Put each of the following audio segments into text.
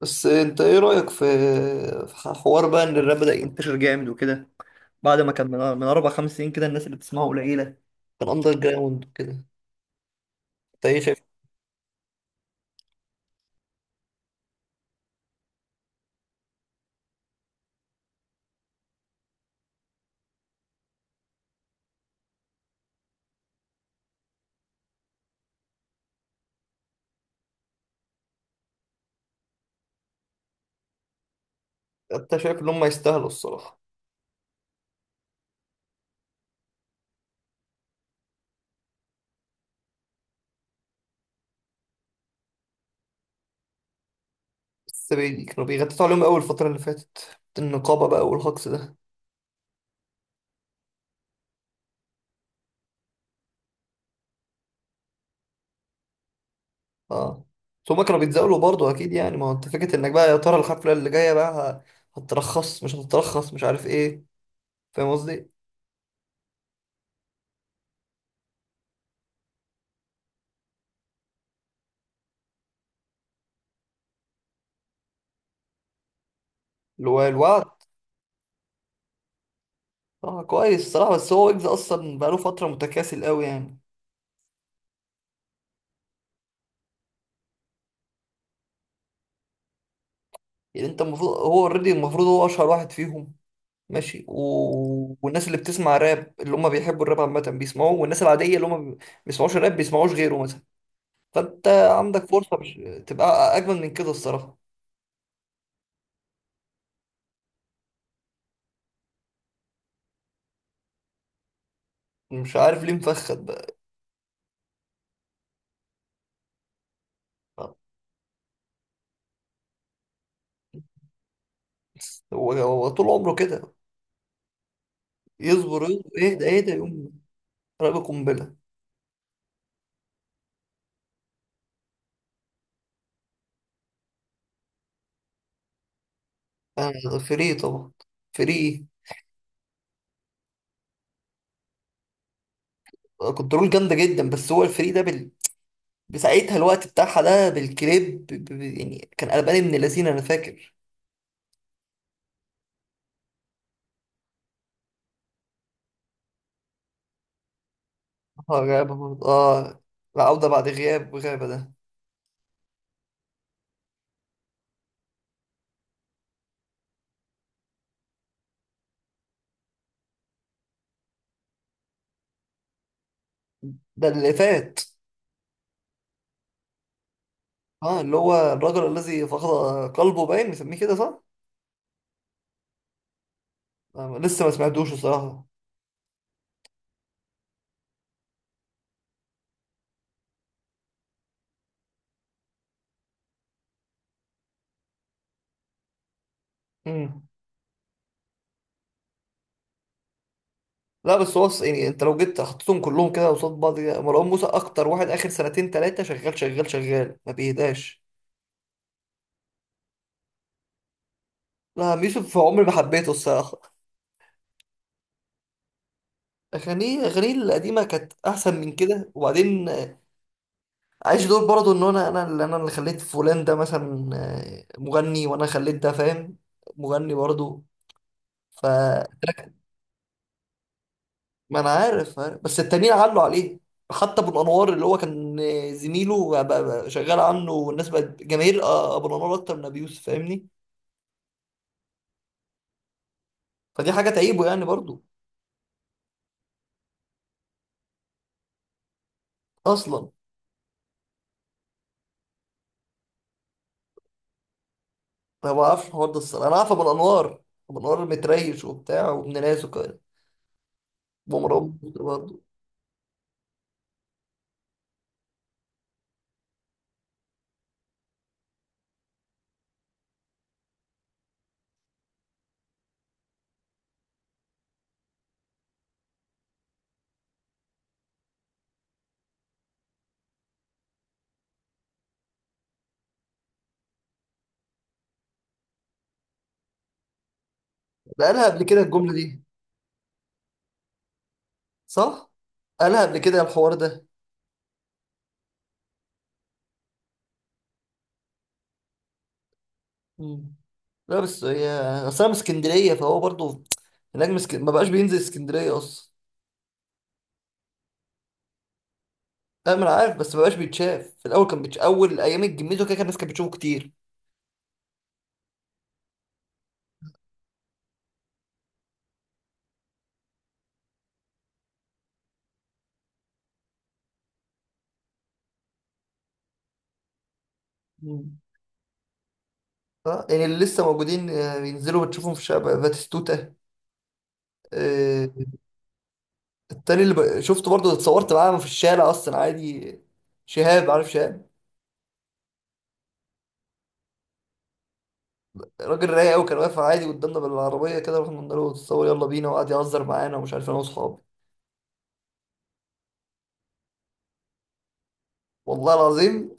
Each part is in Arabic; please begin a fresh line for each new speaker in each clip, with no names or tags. بس انت ايه رأيك في حوار بقى ان الراب بدأ ينتشر جامد وكده، بعد ما كان من 4 5 سنين كده الناس اللي بتسمعه قليلة، كان اندر جراوند وكده. انت ايه شايف؟ انت شايف ان هم يستاهلوا الصراحة؟ بس كانوا بيغطوا عليهم قوي الفترة اللي فاتت، النقابة بقى والهجص ده. اه. بس هم كانوا بيتزاولوا برضه اكيد، يعني ما هو انت فكرة انك بقى يا ترى الحفلة اللي جاية بقى هترخص مش هتترخص مش عارف ايه. فاهم قصدي؟ اللي هو الوعد. اه كويس الصراحة، بس هو ويجز اصلا بقاله فترة متكاسل قوي يعني. يعني انت المفروض هو اوريدي، المفروض هو اشهر واحد فيهم. ماشي والناس اللي بتسمع راب اللي هم بيحبوا الراب عامة بيسمعوه، والناس العادية اللي هم ما بيسمعوش راب بيسمعوش غيره مثلا، فانت عندك فرصة مش... تبقى اجمل من كده الصراحة. مش عارف ليه مفخد بقى. هو هو طول عمره كده، يصبر يصبر، اهدى اهدى، يقوم راب قنبلة. انا فري طبعا. فري كنترول جامدة جدا، بس هو الفري ده بساعتها، الوقت بتاعها ده بالكليب يعني كان قلبان من اللذين انا فاكر. اه غابة برضه اه، العودة بعد غياب، غابة ده. ده اللي فات. اه اللي هو الرجل الذي فقد قلبه، باين مسميه كده صح؟ آه لسه ما سمعتوش الصراحة. مم. لا بس هو يعني انت لو جيت حطيتهم كلهم كده قصاد بعض كده، مروان موسى اكتر واحد اخر سنتين تلاتة شغال شغال شغال ما بيهداش. لا عم يوسف عمري ما حبيته الصراحة. اغانيه اغانيه القديمة كانت احسن من كده، وبعدين عايش دور برضه ان انا اللي خليت فلان ده مثلا مغني، وانا خليت ده فاهم، مغني برضه. ف ما انا عارف عارف. بس التانيين علوا عليه. حتى ابو الانوار اللي هو كان زميله بقى شغال عنه والناس بقت جماهير ابو الانوار اكتر من ابي يوسف، فاهمني. فدي حاجه تعيبه يعني برضو. اصلا انا ما بعرفش الحوار ده الصراحه، انا عارف ابو الانوار. ابو الانوار متريش وبتاع وابن ناس وكده، ومرام برضه. ده قالها قبل كده الجمله دي، صح؟ قالها قبل كده الحوار ده. مم. لا بس هي، اصل انا من اسكندريه، فهو برضه هناك ما بقاش بينزل اسكندريه اصلا. ما أنا عارف، بس ما بقاش بيتشاف، في الاول كان اول ايام الجميزه كده كان الناس كانت بتشوفه كتير. مم. اه يعني اللي لسه موجودين بينزلوا بتشوفهم في الشارع، باتيستوتا آه، التاني اللي شفته برضه، اتصورت معاه في الشارع اصلا عادي. شهاب، عارف شهاب؟ راجل رايق قوي، كان واقف عادي قدامنا بالعربيه كده، رحنا قلنا له اتصور يلا بينا، وقعد يهزر معانا ومش عارف، انا واصحابي. والله العظيم.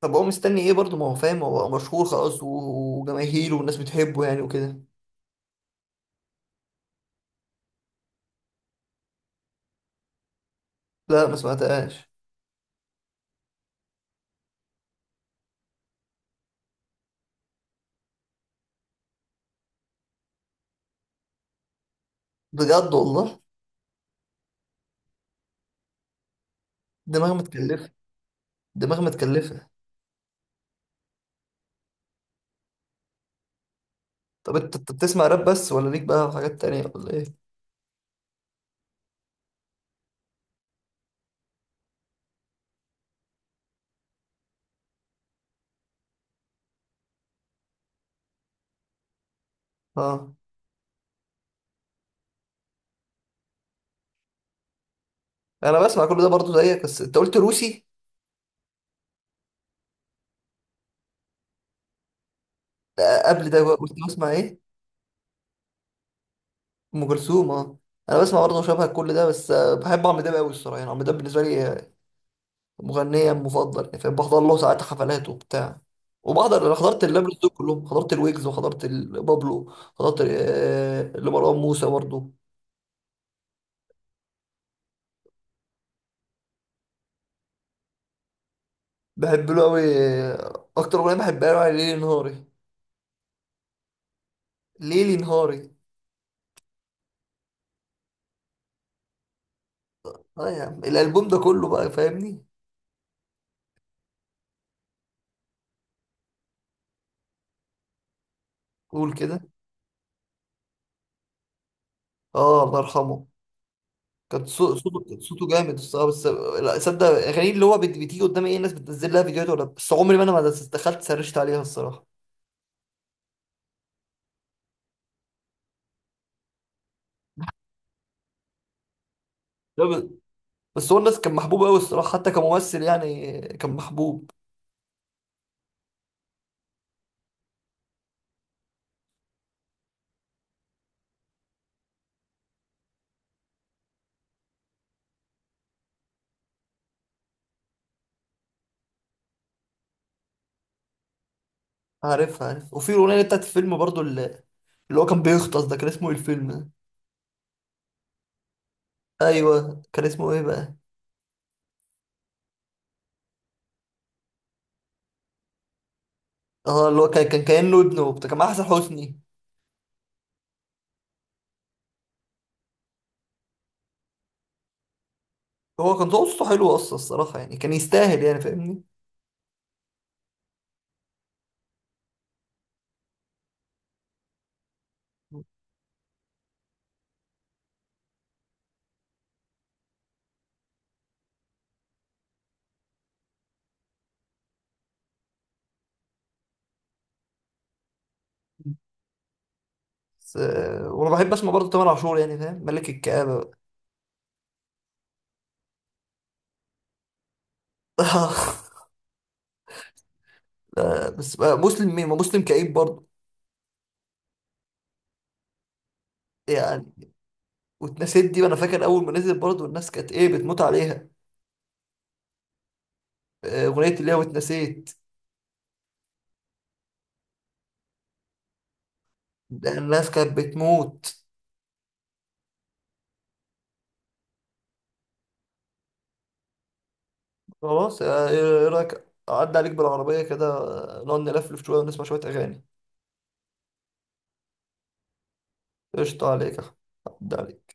طب هو مستني ايه برضه، ما هو فاهم هو مشهور خلاص وجماهيره والناس بتحبه يعني وكده. لا ما سمعتهاش. بجد والله. دماغ متكلفة. دماغ متكلفة. طب انت، أنت بتسمع راب بس ولا ليك بقى في حاجات تانية ولا ايه؟ اه انا بسمع كل ده برضه زيك، بس انت قلت روسي. قبل ده بقى قلت بسمع ايه؟ ام كلثوم، اه. انا بسمع برضه شبه كل ده، بس بحب عمرو دياب قوي الصراحة يعني، عمرو دياب بالنسبة لي مغنية المفضل يعني فاهم، بحضر له ساعات حفلات وبتاع، وبحضر، انا حضرت اللابلوس دول كلهم، حضرت الويجز وحضرت بابلو، حضرت لمروان موسى برضه. بحب له قوي. اكتر اغنيه بحبها له يعني ليلي نهاري. ليلي نهاري. اه يا عم الالبوم ده كله بقى فاهمني. قول كده. اه الله يرحمه، كان صوته، كان صوته جامد الصراحه، بس لا، صدق اغاني اللي هو بتيجي قدامي ايه، الناس بتنزل لها فيديوهات ولا بس، عمري ما انا ما دخلت سرشت عليها الصراحه. لا، بس هو الناس كان محبوب قوي الصراحه، حتى كممثل يعني كان محبوب. عارف عارف، وفي الاغنيه بتاعت الفيلم برضو، اللي هو كان بيغطس ده، كان اسمه ايه الفيلم ده؟ ايوه كان اسمه ايه بقى؟ اه اللي هو كان كانه ابنه وبتاع، كان مع احسن حسني. هو كان صوته حلو اصلا الصراحه يعني، كان يستاهل يعني فاهمني. بس وانا بحب اسمع برضه تامر عاشور يعني فاهم، ملك الكآبة بقى. لا، بس بقى مسلم مين؟ ما مسلم كئيب برضه يعني. واتنسيت دي، وانا فاكر اول ما نزل برضه الناس كانت ايه بتموت عليها، اغنية اللي هي واتنسيت. ده الناس كانت بتموت. خلاص ايه، إيه رايك اعدي عليك بالعربية كده، نقعد نلفلف شوية ونسمع شوية اغاني؟ قشطة عليك يا أحمد. عدى عليك.